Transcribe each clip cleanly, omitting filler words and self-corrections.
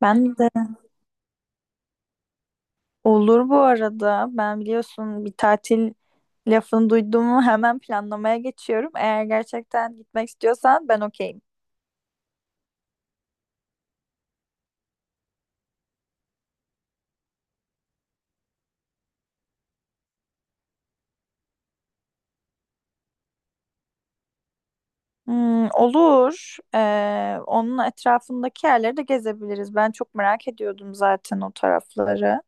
Ben de olur bu arada. Ben biliyorsun bir tatil lafını duyduğumu hemen planlamaya geçiyorum. Eğer gerçekten gitmek istiyorsan ben okeyim. Hmm, olur. Onun etrafındaki yerleri de gezebiliriz. Ben çok merak ediyordum zaten o tarafları.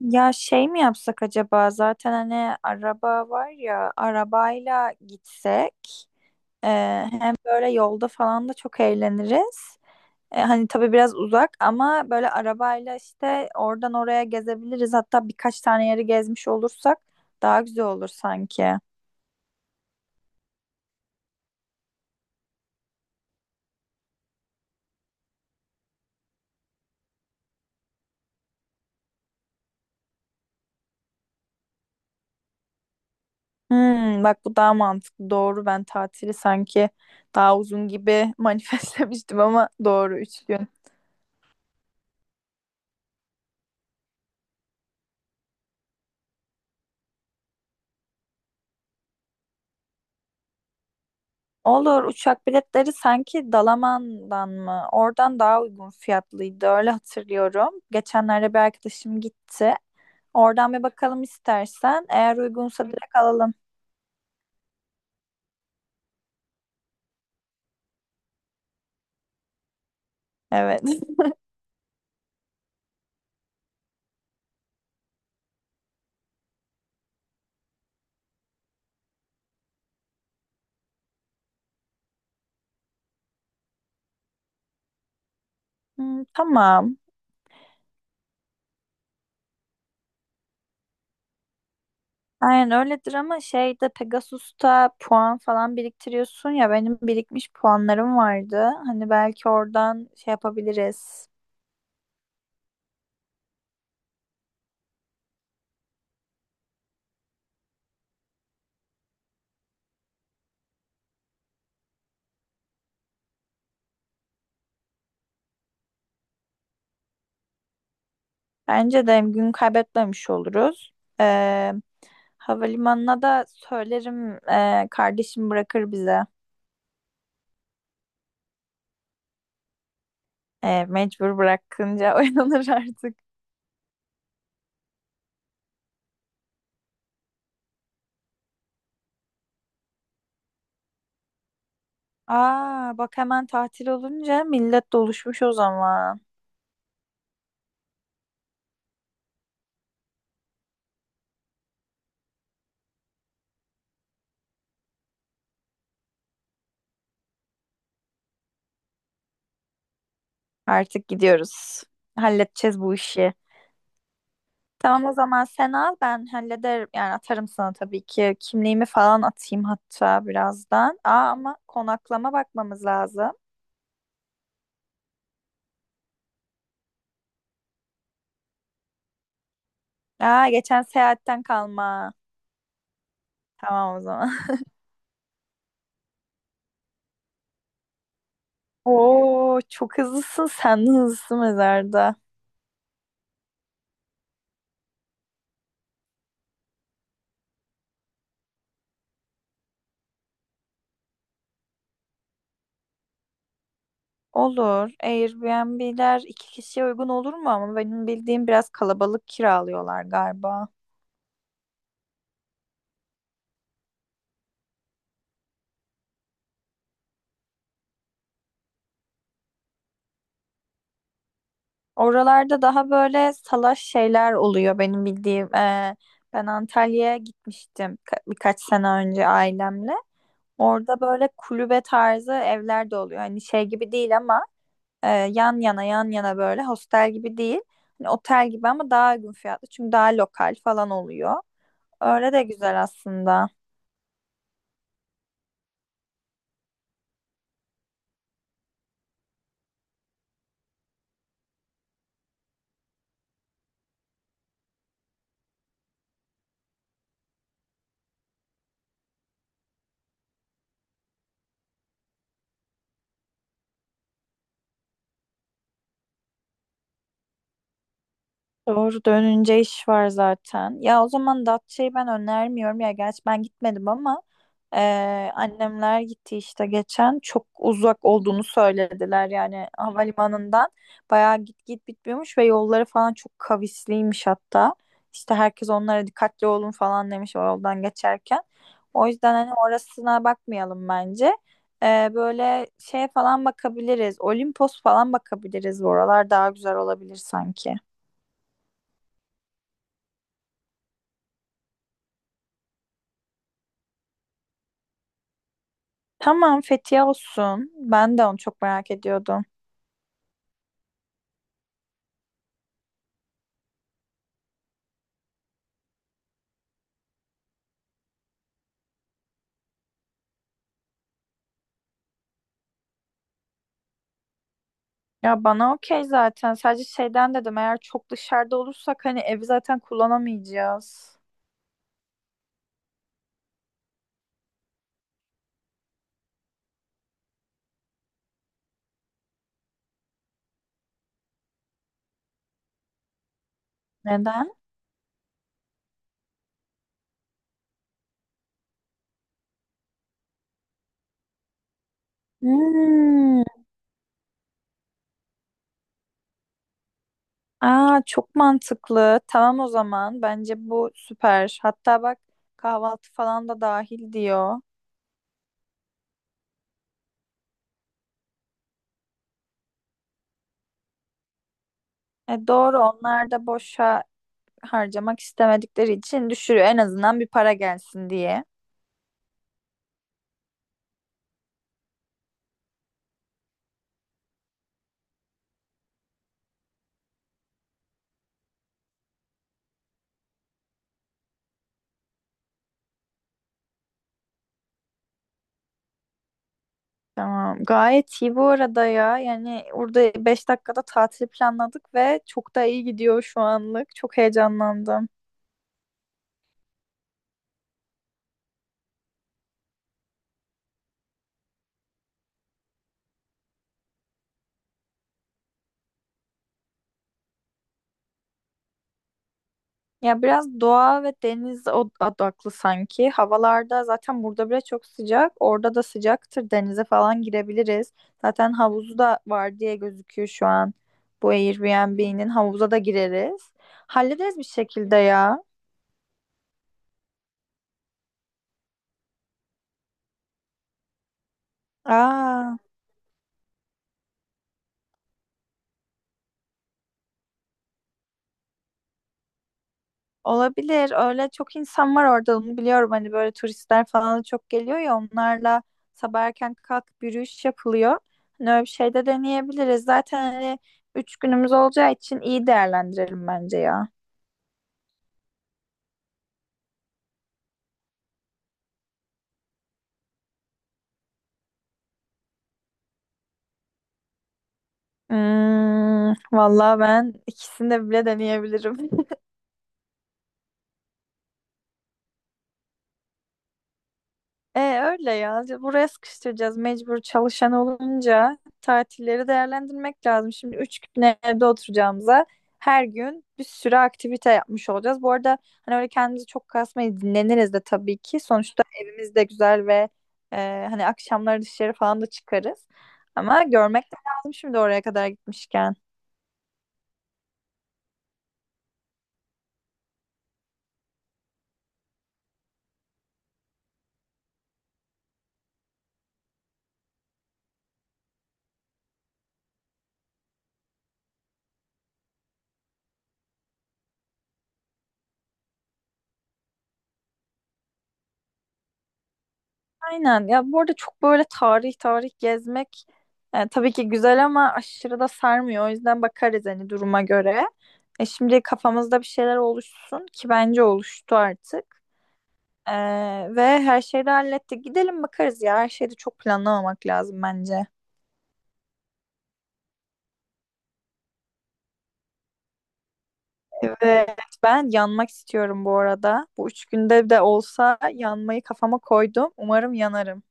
Ya şey mi yapsak acaba? Zaten hani araba var ya, arabayla gitsek. ee, Hem böyle yolda falan da çok eğleniriz. Hani tabii biraz uzak ama böyle arabayla işte oradan oraya gezebiliriz. Hatta birkaç tane yeri gezmiş olursak daha güzel olur sanki. Hmm, bak bu daha mantıklı. Doğru ben tatili sanki daha uzun gibi manifestlemiştim ama doğru 3 gün. Olur uçak biletleri sanki Dalaman'dan mı? Oradan daha uygun fiyatlıydı öyle hatırlıyorum. Geçenlerde bir arkadaşım gitti. Oradan bir bakalım istersen. Eğer uygunsa direkt alalım. Evet. Hmm, tamam. Aynen öyledir ama şeyde Pegasus'ta puan falan biriktiriyorsun ya benim birikmiş puanlarım vardı. Hani belki oradan şey yapabiliriz. Bence de hem gün kaybetmemiş oluruz. Ee, Havalimanına da söylerim kardeşim bırakır bize. Mecbur bırakınca oynanır artık. Aa bak hemen tatil olunca millet doluşmuş o zaman. Artık gidiyoruz. Halledeceğiz bu işi. Tamam o zaman sen al ben hallederim. Yani atarım sana tabii ki. Kimliğimi falan atayım hatta birazdan. Aa ama konaklama bakmamız lazım. Aa geçen seyahatten kalma. Tamam o zaman. Oo çok hızlısın sen de hızlısın mezarda. Olur. Airbnb'ler iki kişiye uygun olur mu ama benim bildiğim biraz kalabalık kiralıyorlar galiba. Oralarda daha böyle salaş şeyler oluyor benim bildiğim. Ben Antalya'ya gitmiştim birkaç sene önce ailemle. Orada böyle kulübe tarzı evler de oluyor. Hani şey gibi değil ama yan yana yan yana böyle hostel gibi değil. Hani otel gibi ama daha uygun fiyatlı. Çünkü daha lokal falan oluyor. Öyle de güzel aslında. Doğru dönünce iş var zaten. Ya o zaman Datça'yı ben önermiyorum. Ya gerçi ben gitmedim ama annemler gitti işte geçen. Çok uzak olduğunu söylediler yani havalimanından. Bayağı git git bitmiyormuş ve yolları falan çok kavisliymiş hatta. İşte herkes onlara dikkatli olun falan demiş o yoldan geçerken. O yüzden hani orasına bakmayalım bence. Böyle şey falan bakabiliriz. Olimpos falan bakabiliriz. Bu oralar daha güzel olabilir sanki. Tamam Fethiye olsun. Ben de onu çok merak ediyordum. Ya bana okey zaten. Sadece şeyden dedim eğer çok dışarıda olursak hani evi zaten kullanamayacağız. Neden? Hmm. Aa çok mantıklı. Tamam o zaman. Bence bu süper. Hatta bak kahvaltı falan da dahil diyor. E doğru onlar da boşa harcamak istemedikleri için düşürüyor. En azından bir para gelsin diye. Tamam. Gayet iyi bu arada ya. Yani orada 5 dakikada tatil planladık ve çok da iyi gidiyor şu anlık. Çok heyecanlandım. Ya biraz doğa ve deniz odaklı sanki. Havalarda zaten burada bile çok sıcak. Orada da sıcaktır. Denize falan girebiliriz. Zaten havuzu da var diye gözüküyor şu an. Bu Airbnb'nin havuza da gireriz. Hallederiz bir şekilde ya. Aa. Olabilir. Öyle çok insan var orada onu biliyorum. Hani böyle turistler falan da çok geliyor ya onlarla sabah erken kalkıp yürüyüş yapılıyor. Hani öyle bir şey de deneyebiliriz. Zaten hani 3 günümüz olacağı için iyi değerlendirelim bence ya. Hmm, vallahi ben ikisini de bile deneyebilirim. E öyle ya. Buraya sıkıştıracağız mecbur çalışan olunca tatilleri değerlendirmek lazım. Şimdi 3 gün evde oturacağımıza her gün bir sürü aktivite yapmış olacağız. Bu arada hani öyle kendimizi çok kasmayı dinleniriz de tabii ki. Sonuçta evimiz de güzel ve e, hani akşamları dışarı falan da çıkarız. Ama görmek de lazım şimdi oraya kadar gitmişken. Aynen ya bu arada çok böyle tarih tarih gezmek tabii ki güzel ama aşırı da sarmıyor. O yüzden bakarız hani duruma göre. Şimdi kafamızda bir şeyler oluşsun ki bence oluştu artık. E, Ve her şeyi de hallettik. Gidelim bakarız ya her şeyi de çok planlamamak lazım bence. Evet ben yanmak istiyorum bu arada. Bu 3 günde de olsa yanmayı kafama koydum. Umarım yanarım.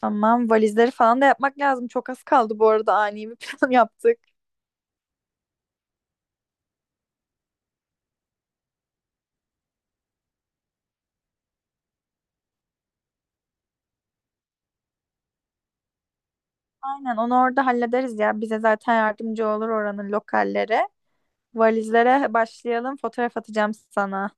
Tamam valizleri falan da yapmak lazım. Çok az kaldı bu arada ani bir plan yaptık. Aynen onu orada hallederiz ya. Bize zaten yardımcı olur oranın lokalleri. Valizlere başlayalım. Fotoğraf atacağım sana.